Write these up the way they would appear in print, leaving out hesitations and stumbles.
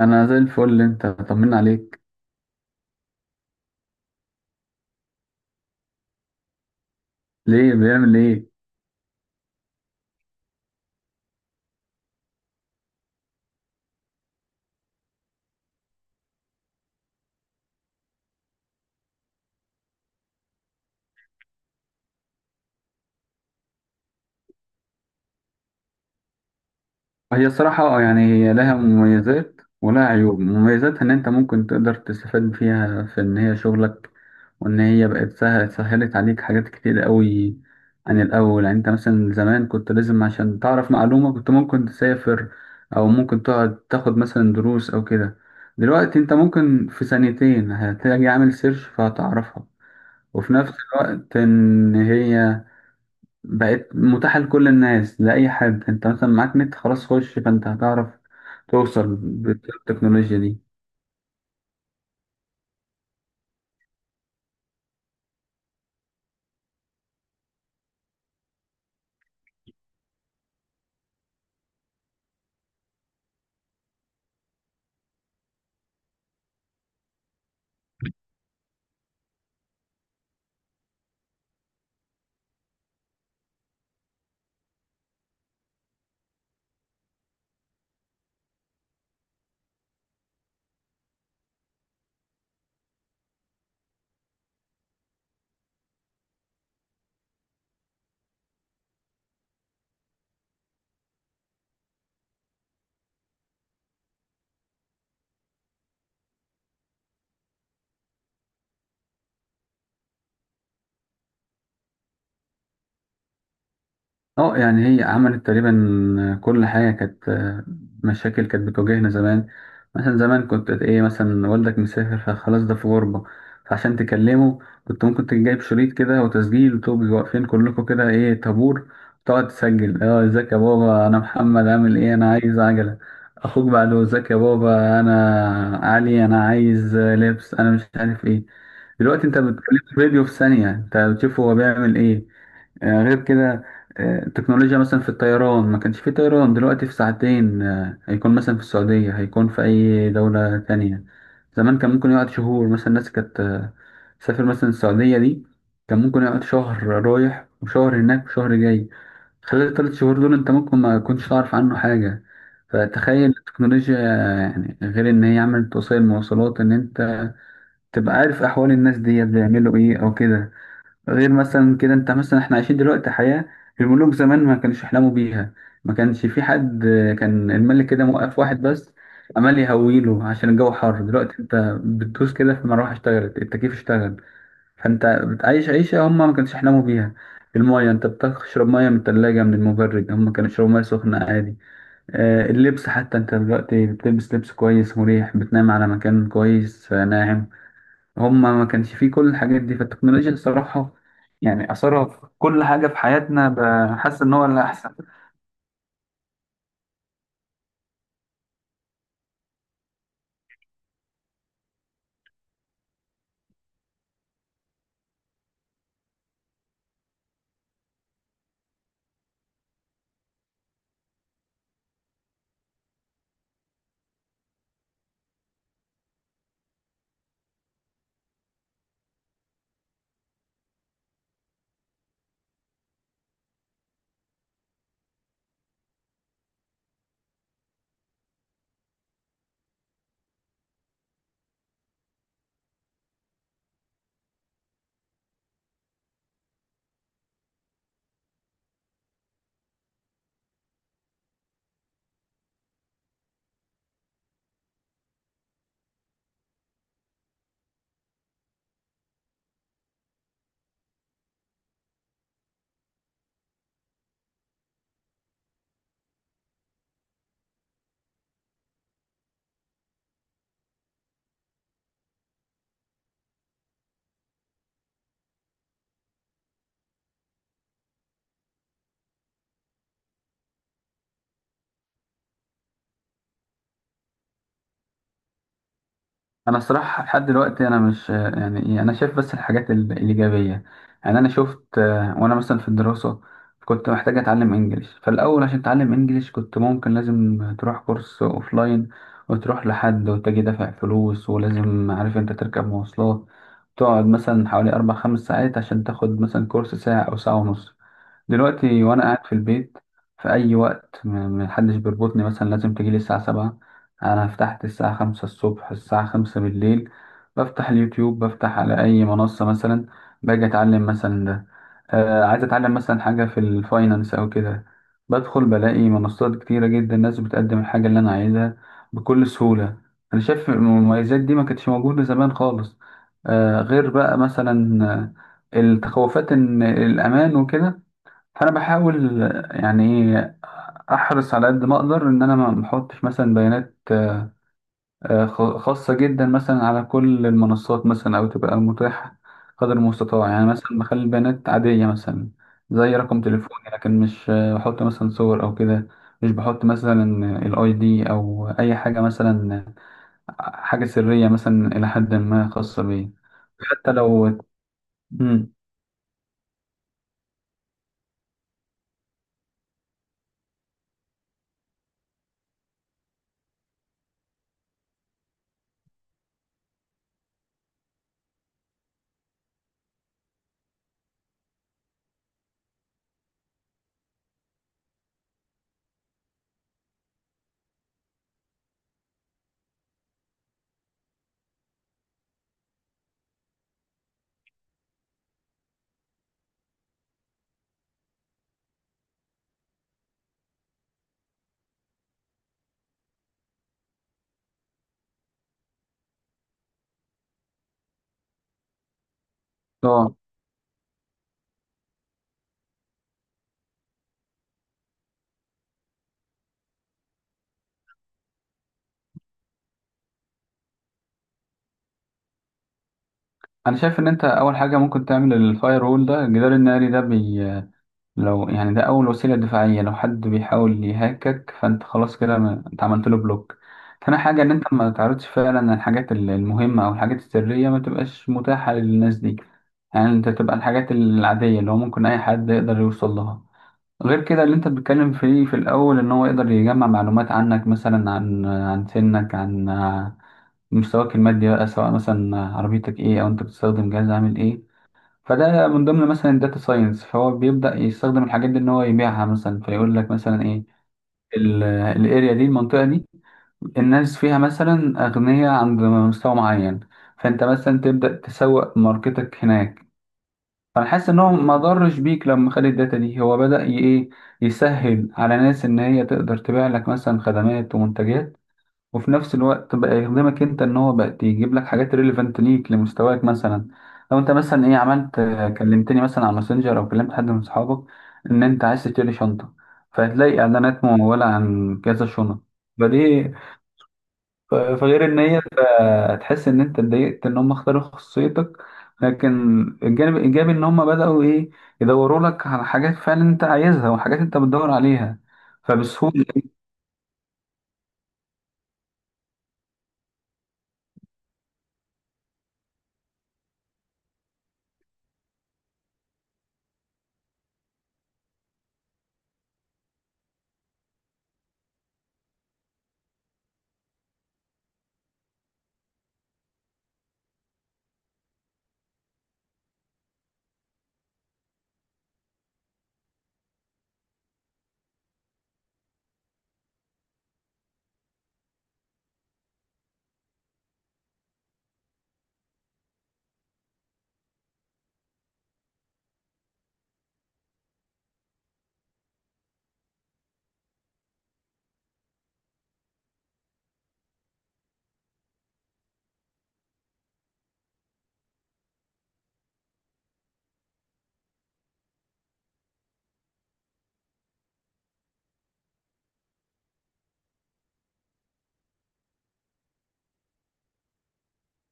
انا زي الفل. انت طمنا عليك؟ ليه، بيعمل ايه؟ هي الصراحه اه يعني، هي لها مميزات ولها عيوب. مميزاتها ان انت ممكن تقدر تستفاد فيها في ان هي شغلك، وان هي بقت سهلت عليك حاجات كتير قوي عن الاول. يعني انت مثلا زمان كنت لازم عشان تعرف معلومه كنت ممكن تسافر، او ممكن تقعد تاخد مثلا دروس او كده. دلوقتي انت ممكن في ثانيتين هتلاقي عامل سيرش فهتعرفها. وفي نفس الوقت ان هي بقت متاحة لكل الناس، لأي حد. أنت مثلا معاك نت خلاص، خش فأنت هتعرف توصل بالتكنولوجيا دي. اه يعني هي عملت تقريبا كل حاجة كانت، مشاكل كانت بتواجهنا زمان. مثلا زمان كنت ايه، مثلا والدك مسافر فخلاص ده في غربة، فعشان تكلمه كنت ممكن تجيب شريط كده وتسجيل وتبقوا واقفين كلكم كده ايه طابور، تقعد تسجل: اه ازيك يا بابا، انا محمد عامل ايه، انا عايز عجلة. اخوك بعده: ازيك يا بابا، انا علي، انا عايز لبس، انا مش عارف ايه. دلوقتي انت بتكلم فيديو في ثانية انت بتشوفه هو بيعمل ايه. غير كده، التكنولوجيا مثلا في الطيران، ما كانش في طيران. دلوقتي في ساعتين هيكون مثلا في السعودية، هيكون في أي دولة تانية. زمان كان ممكن يقعد شهور، مثلا الناس كانت تسافر مثلا السعودية دي، كان ممكن يقعد شهر رايح وشهر هناك وشهر جاي. خلال 3 شهور دول أنت ممكن ما كنتش تعرف عنه حاجة. فتخيل التكنولوجيا، يعني غير إن هي عملت وسائل مواصلات إن أنت تبقى عارف أحوال الناس ديت بيعملوا إيه أو كده. غير مثلا كده، انت مثلا احنا عايشين دلوقتي حياة الملوك زمان ما كانوش يحلموا بيها. ما كانش في حد، كان الملك كده موقف واحد بس عمال يهويله عشان الجو حر. دلوقتي انت بتدوس كده في المروحة اشتغلت، التكييف اشتغل. فانت بتعيش عيشة هم ما كانوش يحلموا بيها. المايه، انت بتشرب ميه من الثلاجة من المبرد، هم كانوا يشربوا ميه سخنة عادي. اللبس حتى، انت دلوقتي بتلبس لبس كويس مريح، بتنام على مكان كويس ناعم. هم ما كانش فيه كل الحاجات دي. فالتكنولوجيا الصراحة يعني أثرها في كل حاجة في حياتنا، بحس إن هو اللي أحسن. أنا الصراحة لحد دلوقتي أنا مش يعني إيه، أنا شايف بس الحاجات الإيجابية. يعني أنا شفت، وأنا مثلا في الدراسة كنت محتاج أتعلم إنجليش. فالأول عشان أتعلم إنجليش كنت ممكن لازم تروح كورس أوفلاين، وتروح لحد وتجي دافع فلوس، ولازم عارف أنت تركب مواصلات تقعد مثلا حوالي 4 5 ساعات عشان تاخد مثلا كورس ساعة أو ساعة ونص. دلوقتي وانا قاعد في البيت في اي وقت، محدش بيربطني مثلا لازم تجيلي الساعة 7. انا فتحت الساعة 5 الصبح، الساعة 5 بالليل، بفتح اليوتيوب، بفتح على اي منصة مثلا باجي اتعلم مثلا ده. آه، عايز اتعلم مثلا حاجة في الفاينانس او كده، بدخل بلاقي منصات كتيرة جدا الناس بتقدم الحاجة اللي انا عايزها بكل سهولة. انا شايف المميزات دي ما كانتش موجودة زمان خالص. آه، غير بقى مثلا التخوفات ان الامان وكده. فانا بحاول يعني ايه احرص على قد ما اقدر ان انا ما احطش مثلا بيانات خاصه جدا، مثلا على كل المنصات مثلا او تبقى متاحه قدر المستطاع. يعني مثلا بخلي البيانات عاديه مثلا زي رقم تليفوني، لكن مش بحط مثلا صور او كده. مش بحط مثلا الاي دي او اي حاجه مثلا، حاجه سريه مثلا الى حد ما خاصه بيا. حتى لو. مم. اه، انا شايف ان انت اول حاجه ممكن تعمل الفاير وول ده، الجدار الناري ده، لو يعني ده أول وسيلة دفاعية، لو حد بيحاول يهاكك فأنت خلاص كده أنت عملت له بلوك. تاني حاجة إن أنت ما تعرضش فعلا الحاجات المهمة أو الحاجات السرية، ما تبقاش متاحة للناس دي. يعني أنت تبقى الحاجات العادية اللي هو ممكن أي حد يقدر يوصل لها. غير كده اللي أنت بتتكلم فيه في الأول، إن هو يقدر يجمع معلومات عنك مثلا عن سنك، عن مستواك المادي بقى، سواء مثلا عربيتك إيه أو أنت بتستخدم جهاز عامل إيه. فده من ضمن مثلا الداتا ساينس، فهو بيبدأ يستخدم الحاجات دي ان هو يبيعها مثلا، فيقول لك مثلا ايه الاريا دي، المنطقة دي الناس فيها مثلا أغنياء عند مستوى معين، فانت مثلا تبدأ تسوق ماركتك هناك. فانا حاسس ان هو ما ضرش بيك لما خد الداتا دي، هو بدأ ايه يسهل على ناس ان هي تقدر تبيع لك مثلا خدمات ومنتجات. وفي نفس الوقت بقى يخدمك انت ان هو بقى يجيب لك حاجات ريليفنت ليك لمستواك. مثلا لو انت مثلا ايه عملت، كلمتني مثلا على ماسنجر او كلمت حد من اصحابك ان انت عايز تشتري شنطه، فهتلاقي اعلانات مموله عن كذا شنط. فدي، فغير ان هي تحس ان انت اتضايقت ان هم اختاروا خصوصيتك، لكن الجانب الايجابي ان هم بداوا ايه يدوروا لك على حاجات فعلا انت عايزها وحاجات انت بتدور عليها فبسهوله.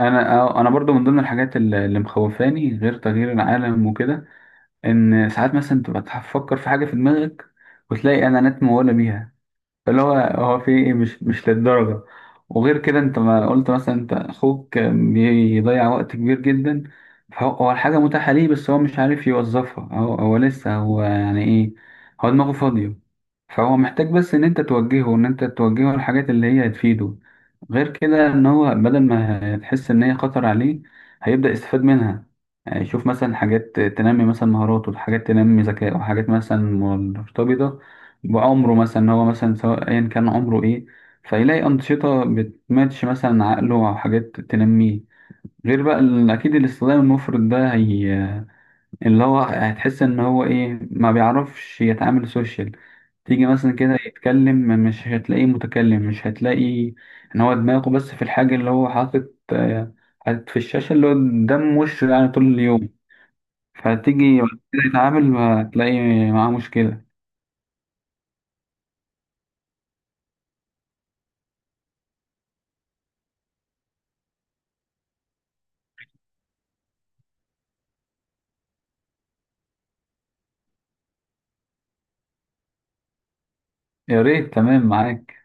انا، انا برضو من ضمن الحاجات اللي مخوفاني غير تغيير العالم وكده، ان ساعات مثلا تبقى تفكر في حاجه في دماغك وتلاقي اعلانات مموله بيها. اللي هو هو في ايه، مش للدرجة. وغير كده انت ما قلت مثلا انت اخوك بيضيع وقت كبير جدا. فهو الحاجة متاحة ليه بس هو مش عارف يوظفها. هو لسه، هو يعني ايه، هو دماغه فاضية. فهو محتاج بس ان انت توجهه، الحاجات اللي هي هتفيده. غير كده ان هو بدل ما تحس ان هي خطر عليه هيبدأ يستفاد منها. يعني يشوف مثلا حاجات تنمي مثلا مهاراته، حاجات تنمي ذكائه، حاجات مثلا مرتبطة وعمره مثلا، إن هو مثلا سواء ايا كان عمره ايه فيلاقي انشطه بتماتش مثلا عقله او حاجات تنميه. غير بقى اكيد الاستخدام المفرط ده هي اللي هو هتحس ان هو ايه ما بيعرفش يتعامل سوشيال. تيجي مثلا كده يتكلم مش هتلاقيه متكلم، مش هتلاقي ان هو دماغه بس في الحاجه اللي هو حاطط، حاطط في الشاشه اللي هو قدام وشه يعني طول اليوم. فتيجي بعد كده يتعامل هتلاقي معاه مشكله. يا ريت، تمام معاك.